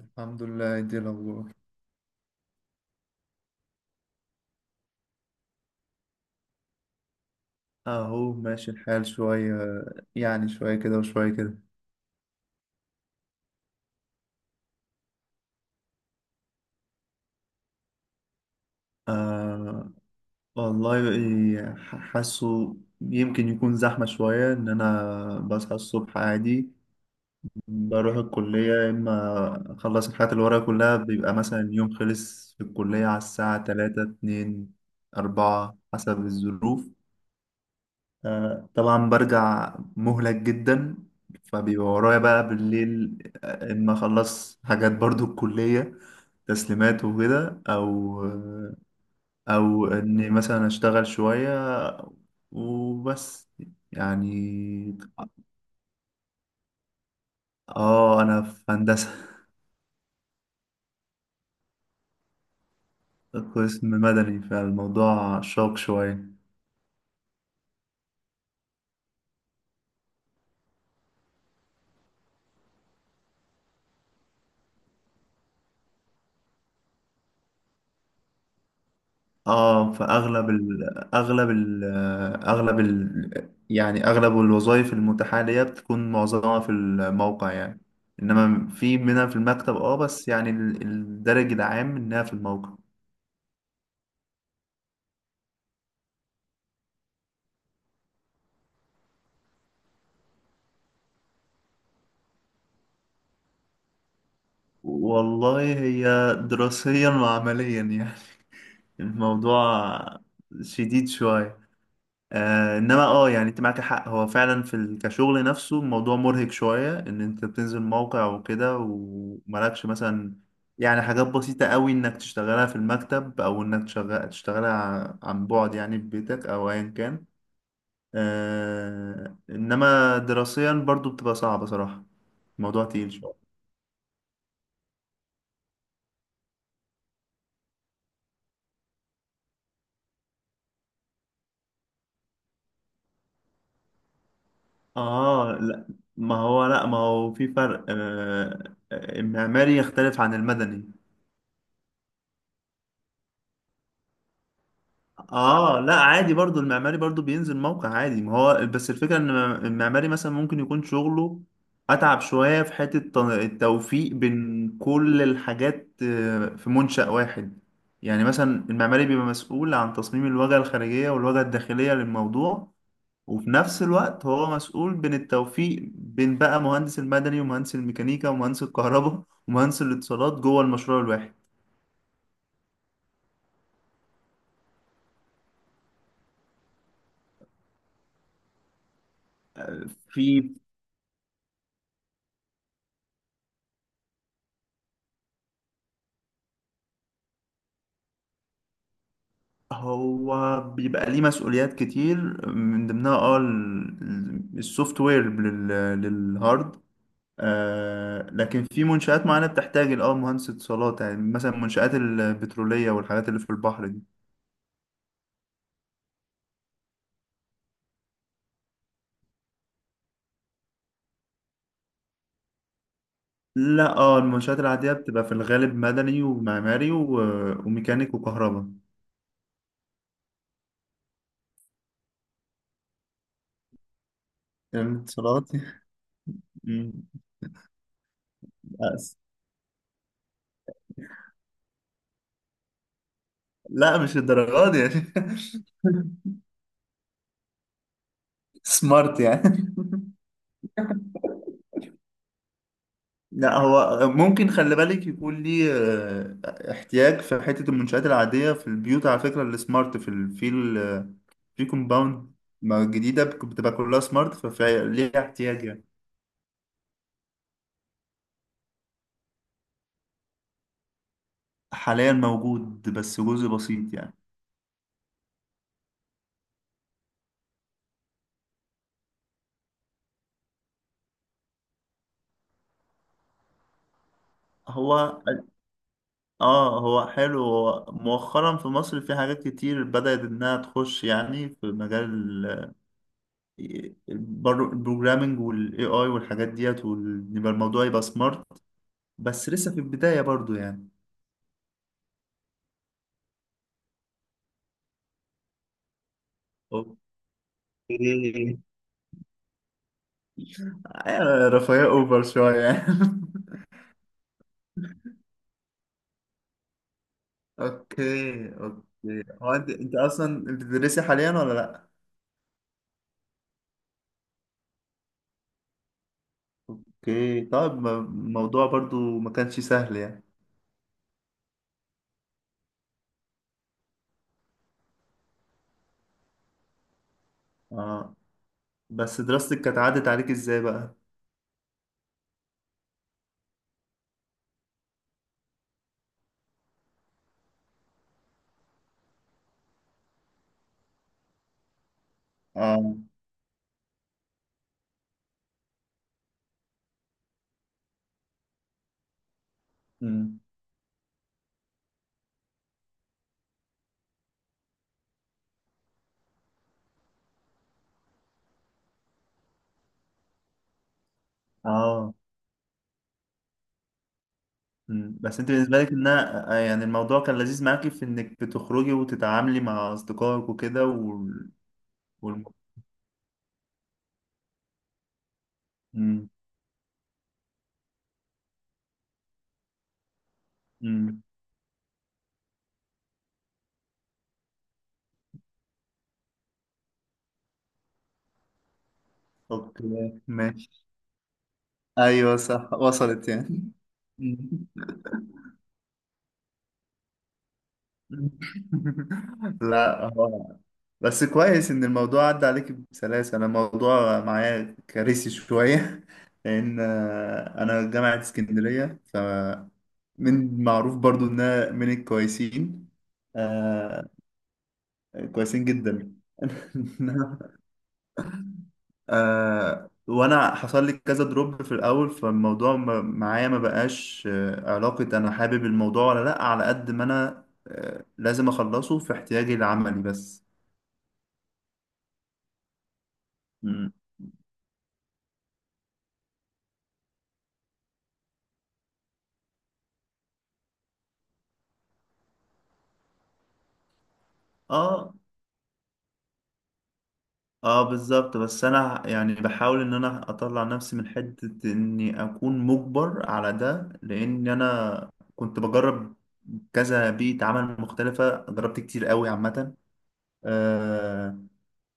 الحمد لله. دي الأخبار أهو، ماشي الحال شوية. يعني شوية كده وشوية كده. آه والله إيه، حاسه يمكن يكون زحمة شوية إن أنا بصحى الصبح عادي، بروح الكلية، يا إما أخلص الحاجات اللي ورايا كلها. بيبقى مثلا اليوم خلص في الكلية على الساعة تلاتة، اتنين، أربعة حسب الظروف. طبعا برجع مهلك جدا، فبيبقى ورايا بقى بالليل اما اخلص حاجات برضو الكلية، تسليمات وكده، او او اني مثلا اشتغل شوية وبس يعني. اه انا في هندسة، قسم مدني، فالموضوع شاق شوية. اه فاغلب ال اغلب ال يعني اغلب الوظائف المتاحه ليا بتكون معظمها في الموقع يعني، انما في منها في المكتب، اه بس يعني الدرج العام انها في الموقع. والله هي دراسيا وعمليا يعني الموضوع شديد شويه. آه انما اه يعني انت معاك حق، هو فعلا في كشغل نفسه الموضوع مرهق شوية، ان انت بتنزل موقع وكده، ومالكش مثلا يعني حاجات بسيطة قوي انك تشتغلها في المكتب، او انك تشتغلها عن بعد يعني في بيتك او ايا كان. آه انما دراسيا برضو بتبقى صعبة صراحة، الموضوع تقيل شوية. اه لا، ما هو في فرق، آه المعماري يختلف عن المدني. اه لا عادي، برضو المعماري برضو بينزل موقع عادي. ما هو بس الفكرة ان المعماري مثلا ممكن يكون شغله اتعب شوية في حتة التوفيق بين كل الحاجات آه، في منشأ واحد. يعني مثلا المعماري بيبقى مسؤول عن تصميم الواجهة الخارجية والواجهة الداخلية للموضوع، وفي نفس الوقت هو مسؤول بين التوفيق بين بقى مهندس المدني، ومهندس الميكانيكا، ومهندس الكهرباء، ومهندس الاتصالات جوه المشروع الواحد. في هو بيبقى ليه مسؤوليات كتير، من ضمنها اه السوفت وير للهارد. آه لكن في منشآت معينة بتحتاج اه مهندس اتصالات، يعني مثلا المنشآت البترولية والحاجات اللي في البحر دي. لا، اه المنشآت العادية بتبقى في الغالب مدني ومعماري وميكانيك وكهرباء. يعني اتصالات مم. بس. لا مش الدرجات دي يعني. سمارت يعني. لا هو ممكن، خلي بالك يكون ليه آه، احتياج في حتة المنشآت العادية، في البيوت على فكرة السمارت، في ال في ال آه، في كومباوند جديدة بتبقى كلها سمارت، فليه احتياج يعني. حاليا موجود بس جزء بسيط يعني. هو اه هو حلو، هو مؤخرا في مصر في حاجات كتير بدأت انها تخش يعني في مجال البروجرامينج والاي اي والحاجات ديت، ويبقى الموضوع يبقى سمارت، بس لسه في البداية برضو يعني. اوكي آه، رفاهية اوفر شوية يعني. اوكي اوكي. هو انت اصلا انت بتدرسي حاليا ولا لا؟ اوكي طيب، الموضوع برضو ما كانش سهل يعني. اه بس دراستك كانت عدت عليك ازاي بقى؟ اه. امم. اه. بس انت بالنسبة لك انها آه، يعني الموضوع كان لذيذ معاكي في انك بتخرجي وتتعاملي مع اصدقائك وكده وال... وال... امم. امم. اوكي ماشي. ايوه صح، وصلت يعني. لا هو بس كويس ان الموضوع عدى عليك بسلاسة. انا الموضوع معايا كارثي شوية لان آه، انا جامعة اسكندرية، فمن معروف برضو انها من الكويسين. آه كويسين جدا. آه، وانا حصل لي كذا دروب في الاول، فالموضوع معايا ما بقاش آه، علاقة، انا حابب الموضوع ولا لا، على قد ما انا آه، لازم اخلصه في احتياجي العملي بس. مم. اه، اه بالظبط، بس انا يعني بحاول ان انا اطلع نفسي من حتة اني اكون مجبر على ده، لان انا كنت بجرب كذا بيئة عمل مختلفة، جربت كتير قوي عامة. آه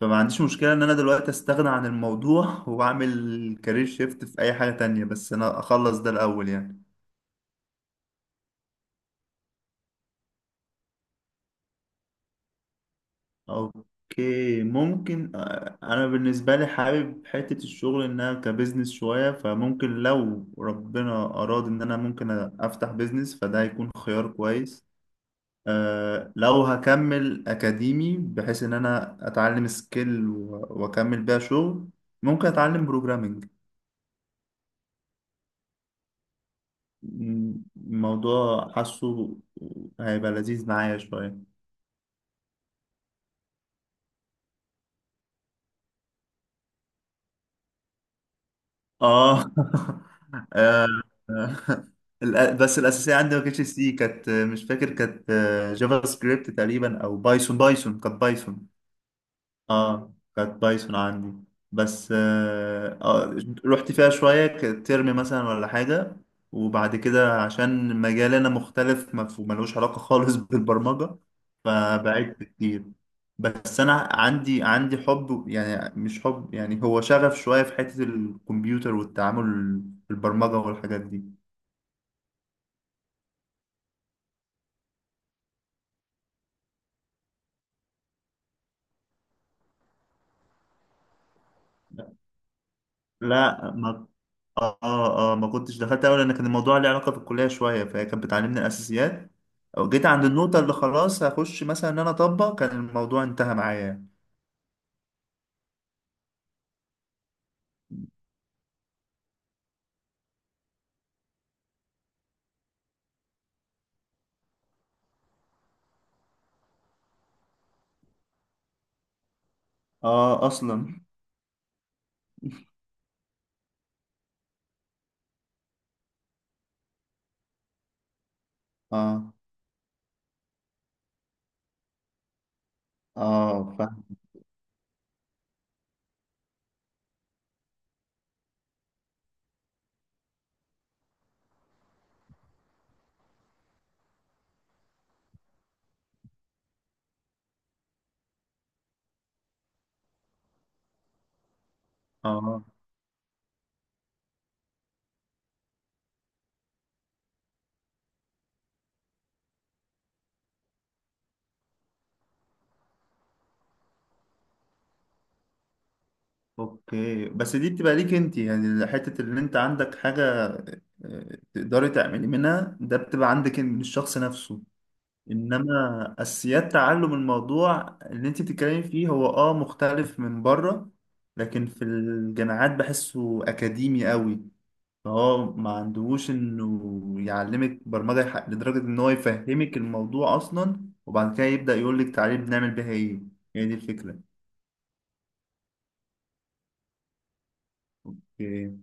فما عنديش مشكلة ان انا دلوقتي استغنى عن الموضوع واعمل كارير شيفت في اي حاجة تانية، بس انا اخلص ده الاول يعني. اوكي ممكن، آه، انا بالنسبه لي حابب حته الشغل انها كبزنس شويه، فممكن لو ربنا اراد ان انا ممكن افتح بزنس، فده هيكون خيار كويس. أه لو هكمل اكاديمي بحيث ان انا اتعلم سكيل واكمل بيها شغل، ممكن اتعلم بروجرامنج. الموضوع حاسه هيبقى لذيذ معايا شويه. اه. آه، آه. بس الاساسيه عندي ما كانتش سي، كانت آه، مش فاكر، كانت آه، جافا سكريبت تقريبا او بايثون. بايثون كانت بايثون. اه كانت بايثون عندي. بس آه آه، رحت فيها شوية ترم مثلا ولا حاجة، وبعد كده عشان مجالي أنا مختلف، ملوش علاقة خالص بالبرمجة، فبعدت كتير. بس أنا عندي حب، يعني مش حب، يعني هو شغف شوية في حتة الكمبيوتر والتعامل في البرمجة والحاجات دي. لا. اه. اه ما كنتش دخلت اول، لان كان الموضوع ليه علاقه بالكليه شويه، فهي كانت بتعلمني الاساسيات. أو جيت عند النقطه اللي خلاص هخش مثلا ان انا اطبق، كان الموضوع انتهى معايا. اه اصلا. اه. اه فاهم. اه. اوكي بس دي بتبقى ليك انت يعني، حته اللي انت عندك حاجه آه، تقدري تعملي منها، ده بتبقى عندك من الشخص نفسه. انما اساسيات تعلم الموضوع اللي انت بتتكلمي فيه هو اه مختلف من بره، لكن في الجامعات بحسه اكاديمي قوي، فهو ما عندهوش انه يعلمك برمجة لدرجة ان هو يفهمك الموضوع اصلا، وبعد كده يبدأ يقولك تعالي بنعمل بيها ايه. هي دي الفكرة. اوكي.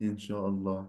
ان شاء الله.